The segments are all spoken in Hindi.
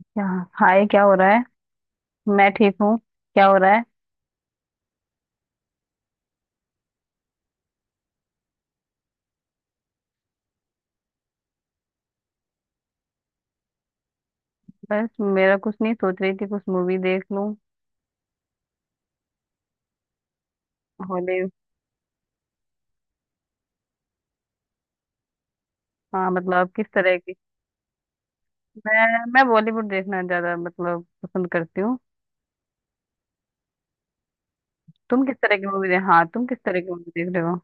क्या? हाय, क्या हो रहा है? मैं ठीक हूँ। क्या हो रहा है? बस मेरा कुछ नहीं, सोच रही थी कुछ मूवी देख लूं। हॉलीवुड। हाँ, मतलब किस तरह की? मैं बॉलीवुड देखना ज्यादा मतलब पसंद करती हूँ। तुम किस तरह की मूवी दे हाँ, तुम किस तरह की मूवी देख रहे हो?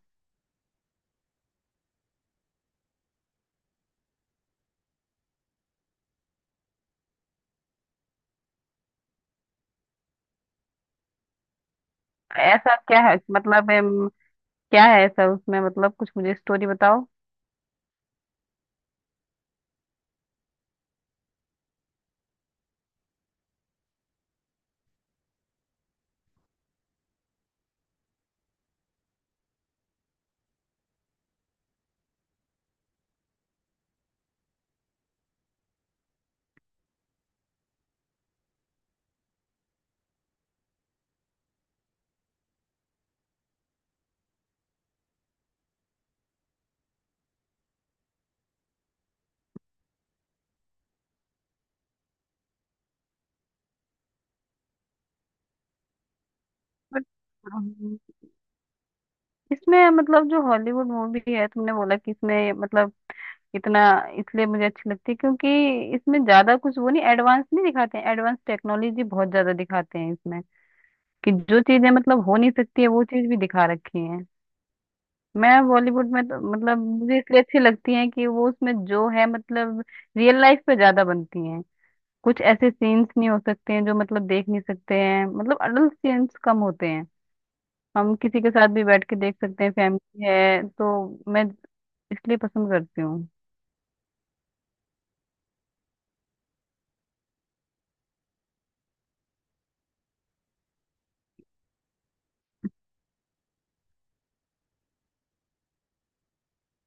ऐसा क्या है मतलब क्या है ऐसा उसमें? मतलब कुछ मुझे स्टोरी बताओ। बट, अम, इसमें मतलब जो हॉलीवुड मूवी है, तुमने बोला कि इसमें मतलब इतना इसलिए मुझे अच्छी लगती है क्योंकि इसमें ज्यादा कुछ वो नहीं, एडवांस नहीं दिखाते हैं। एडवांस टेक्नोलॉजी बहुत ज्यादा दिखाते हैं इसमें, कि जो चीजें मतलब हो नहीं सकती है, वो चीज भी दिखा रखी है। मैं बॉलीवुड में तो मतलब मुझे इसलिए अच्छी लगती है कि वो उसमें जो है मतलब रियल लाइफ पे ज्यादा बनती हैं। कुछ ऐसे सीन्स नहीं हो सकते हैं जो मतलब देख नहीं सकते हैं, मतलब अडल्ट सीन्स कम होते हैं। हम किसी के साथ भी बैठ के देख सकते हैं, फैमिली है तो। मैं इसलिए पसंद करती हूँ।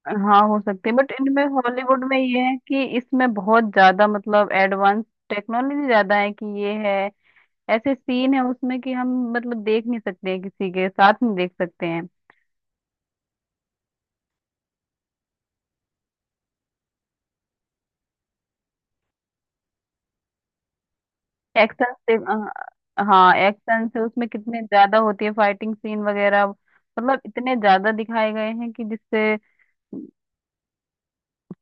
हाँ हो सकती है, बट इनमें हॉलीवुड में ये है कि इसमें बहुत ज्यादा मतलब एडवांस टेक्नोलॉजी ज्यादा है, कि ये है ऐसे सीन है उसमें कि हम मतलब देख नहीं सकते हैं, किसी के साथ नहीं देख सकते हैं। हाँ, एक्शन से उसमें कितने ज्यादा होती है, फाइटिंग सीन वगैरह मतलब इतने ज्यादा दिखाए गए हैं कि जिससे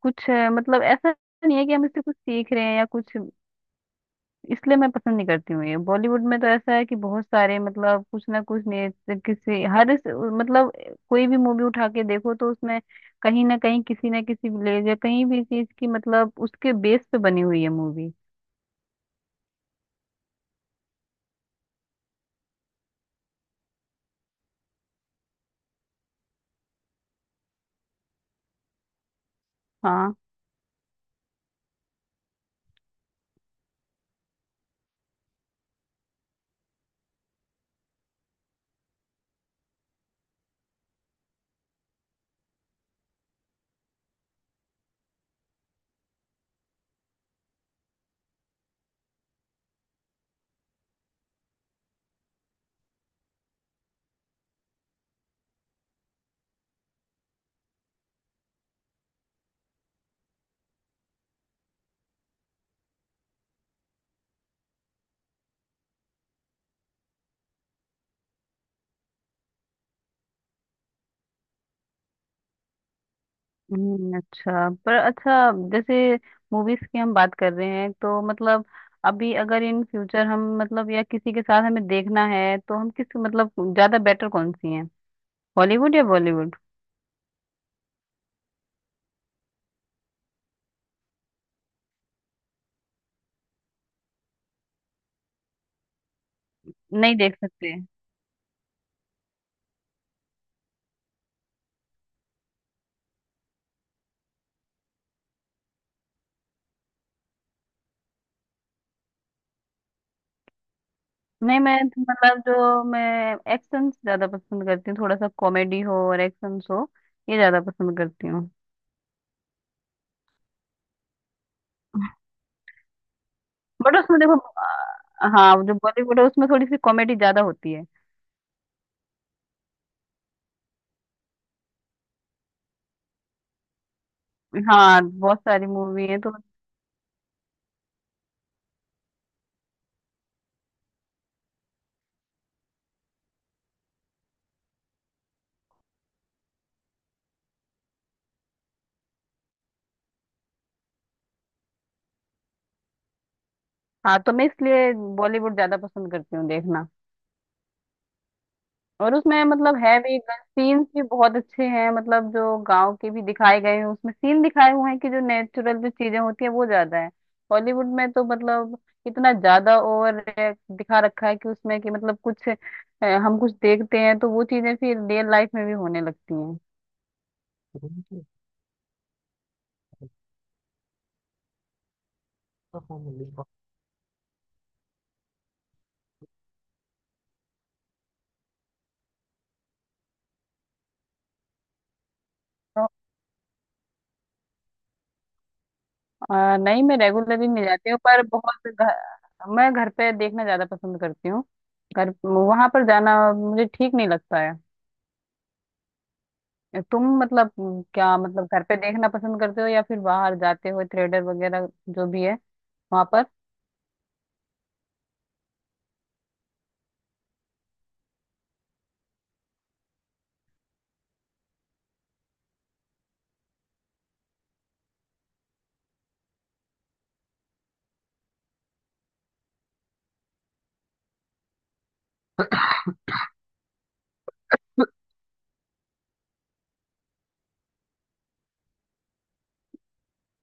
कुछ मतलब ऐसा नहीं है कि हम इससे कुछ सीख रहे हैं या कुछ। इसलिए मैं पसंद नहीं करती हूँ ये। बॉलीवुड में तो ऐसा है कि बहुत सारे मतलब कुछ ना कुछ ने मतलब कोई भी मूवी उठा के देखो तो उसमें कहीं ना कहीं किसी ना किसी विलेज या कहीं भी चीज की मतलब उसके बेस पे बनी हुई है मूवी। हाँ। अच्छा। पर अच्छा, जैसे मूवीज की हम बात कर रहे हैं तो मतलब अभी अगर इन फ्यूचर हम मतलब या किसी के साथ हमें देखना है तो हम किस मतलब ज्यादा बेटर कौन सी है, हॉलीवुड या बॉलीवुड? नहीं देख सकते। नहीं, मैं मतलब जो मैं एक्शन ज्यादा पसंद करती हूँ, थोड़ा सा कॉमेडी हो और एक्शन हो, ये ज्यादा पसंद करती हूँ। बट उसमें देखो हाँ, जो बॉलीवुड है उसमें थोड़ी सी कॉमेडी ज्यादा होती है। हाँ, बहुत सारी मूवी है तो। हाँ, तो मैं इसलिए बॉलीवुड ज्यादा पसंद करती हूँ देखना। और उसमें मतलब है भी, सीन्स भी बहुत अच्छे हैं, मतलब जो गांव के भी दिखाए गए हैं उसमें, सीन दिखाए हुए हैं कि जो नेचुरल जो चीजें होती है वो ज्यादा है। हॉलीवुड में तो मतलब इतना ज्यादा ओवर दिखा रखा है कि उसमें कि मतलब कुछ हम कुछ देखते हैं तो वो चीजें फिर रियल लाइफ में भी होने लगती हैं। तो नहीं, मैं रेगुलरली नहीं जाती हूँ, पर बहुत मैं घर पे देखना ज्यादा पसंद करती हूँ। घर वहां पर जाना मुझे ठीक नहीं लगता है। तुम मतलब क्या मतलब, घर पे देखना पसंद करते हो या फिर बाहर जाते हो थिएटर वगैरह, जो भी है वहां पर?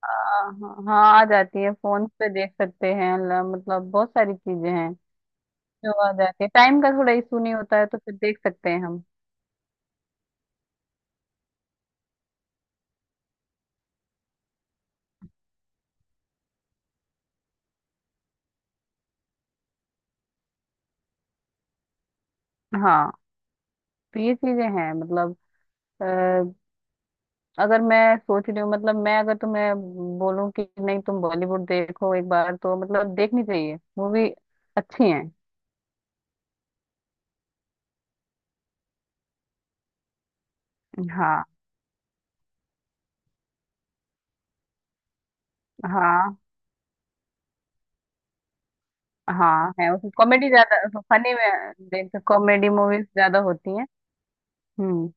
हाँ हाँ, आ जाती है। फोन पे देख सकते हैं मतलब बहुत सारी चीजें हैं जो आ जाती है, टाइम का थोड़ा इशू नहीं होता है तो फिर देख सकते हैं हम। हाँ, तो ये चीजें हैं मतलब अ, अगर मैं सोच रही हूँ मतलब, मैं अगर तुम्हें बोलूँ कि नहीं तुम बॉलीवुड देखो एक बार तो मतलब देखनी चाहिए मूवी, अच्छी है। हाँ। हाँ। हाँ, है उसमें कॉमेडी ज्यादा। फनी में देखते कॉमेडी मूवीज ज्यादा होती हैं। हम्म।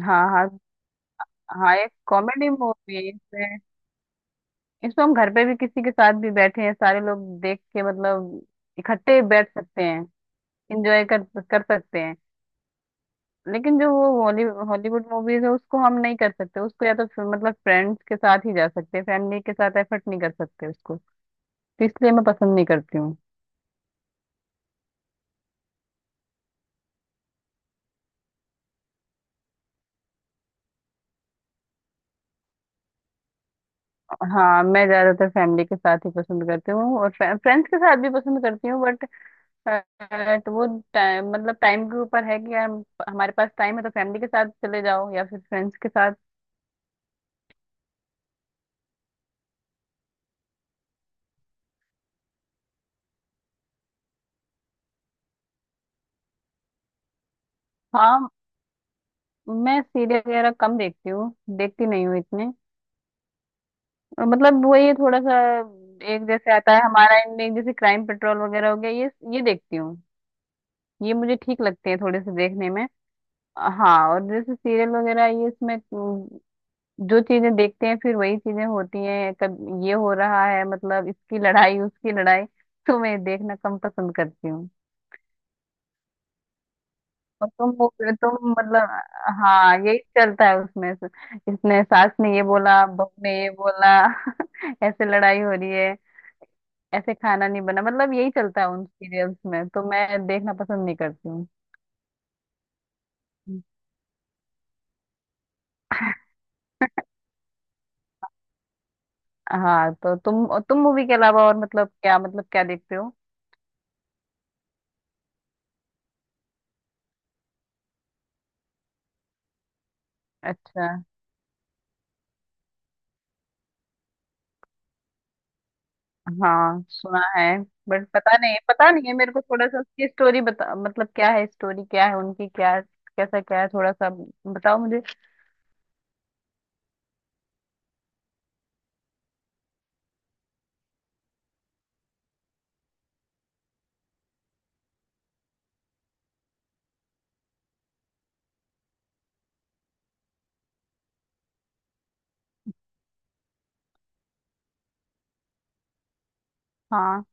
हाँ हाँ। हाँ, एक कॉमेडी मूवी है इसमें। इसमें हम घर पे भी किसी के साथ भी बैठे हैं सारे लोग, देख के मतलब इकट्ठे बैठ सकते हैं। इंजॉय कर कर सकते हैं। लेकिन जो वो हॉलीवुड मूवीज है उसको हम नहीं कर सकते उसको, या तो फिर मतलब फ्रेंड्स के साथ ही जा सकते हैं, फैमिली के साथ एफर्ट नहीं कर सकते उसको। तो इसलिए मैं पसंद नहीं करती। हाँ, मैं ज्यादातर फैमिली के साथ ही पसंद करती हूँ, और फ्रेंड्स के साथ भी पसंद करती हूँ। बट तो वो टाइम मतलब टाइम के ऊपर है कि यार, हमारे पास टाइम है तो फैमिली के साथ चले जाओ या फिर फ्रेंड्स के साथ। हाँ, मैं सीरियल वगैरह कम देखती हूँ, देखती नहीं हूँ इतने। और मतलब वही है थोड़ा सा, एक जैसे आता है हमारा इनमें। जैसे क्राइम पेट्रोल वगैरह हो गया, ये देखती हूँ। ये मुझे ठीक लगते हैं थोड़े से देखने में। हाँ, और जैसे सीरियल वगैरह ये, इसमें जो चीजें देखते हैं फिर वही चीजें होती हैं कब, ये हो रहा है, मतलब इसकी लड़ाई, उसकी लड़ाई। तो मैं देखना कम पसंद करती हूँ। और तुम मतलब। हाँ, यही चलता है उसमें से। इसने, सास ने ये बोला, बहू ने ये बोला ऐसे लड़ाई हो रही है, ऐसे खाना नहीं बना, मतलब यही चलता है उन सीरियल्स में, तो मैं देखना पसंद नहीं करती हूँ। हाँ, तो तुम मूवी के अलावा और मतलब क्या देखते हो? अच्छा। हाँ, सुना है। बट पता नहीं, पता नहीं है मेरे को थोड़ा सा, उसकी स्टोरी बता, मतलब क्या है स्टोरी, क्या है उनकी, क्या कैसा क्या है, थोड़ा सा बताओ मुझे। हाँ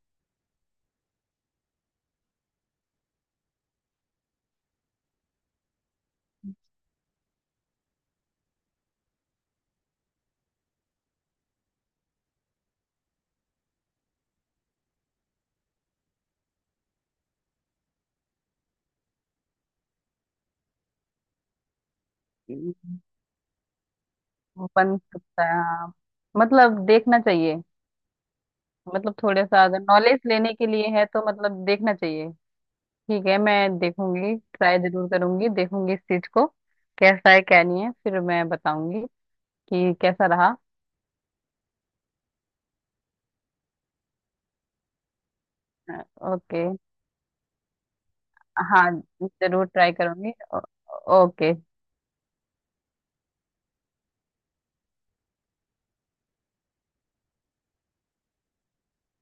वो बन सकता है। हाँ, मतलब देखना चाहिए। मतलब थोड़ा सा अगर नॉलेज लेने के लिए है तो मतलब देखना चाहिए। ठीक है, मैं देखूंगी, ट्राई जरूर करूंगी, देखूंगी इस चीज को। कैसा है क्या नहीं है फिर मैं बताऊंगी कि कैसा रहा। ओके। हाँ, जरूर ट्राई करूंगी। ओके।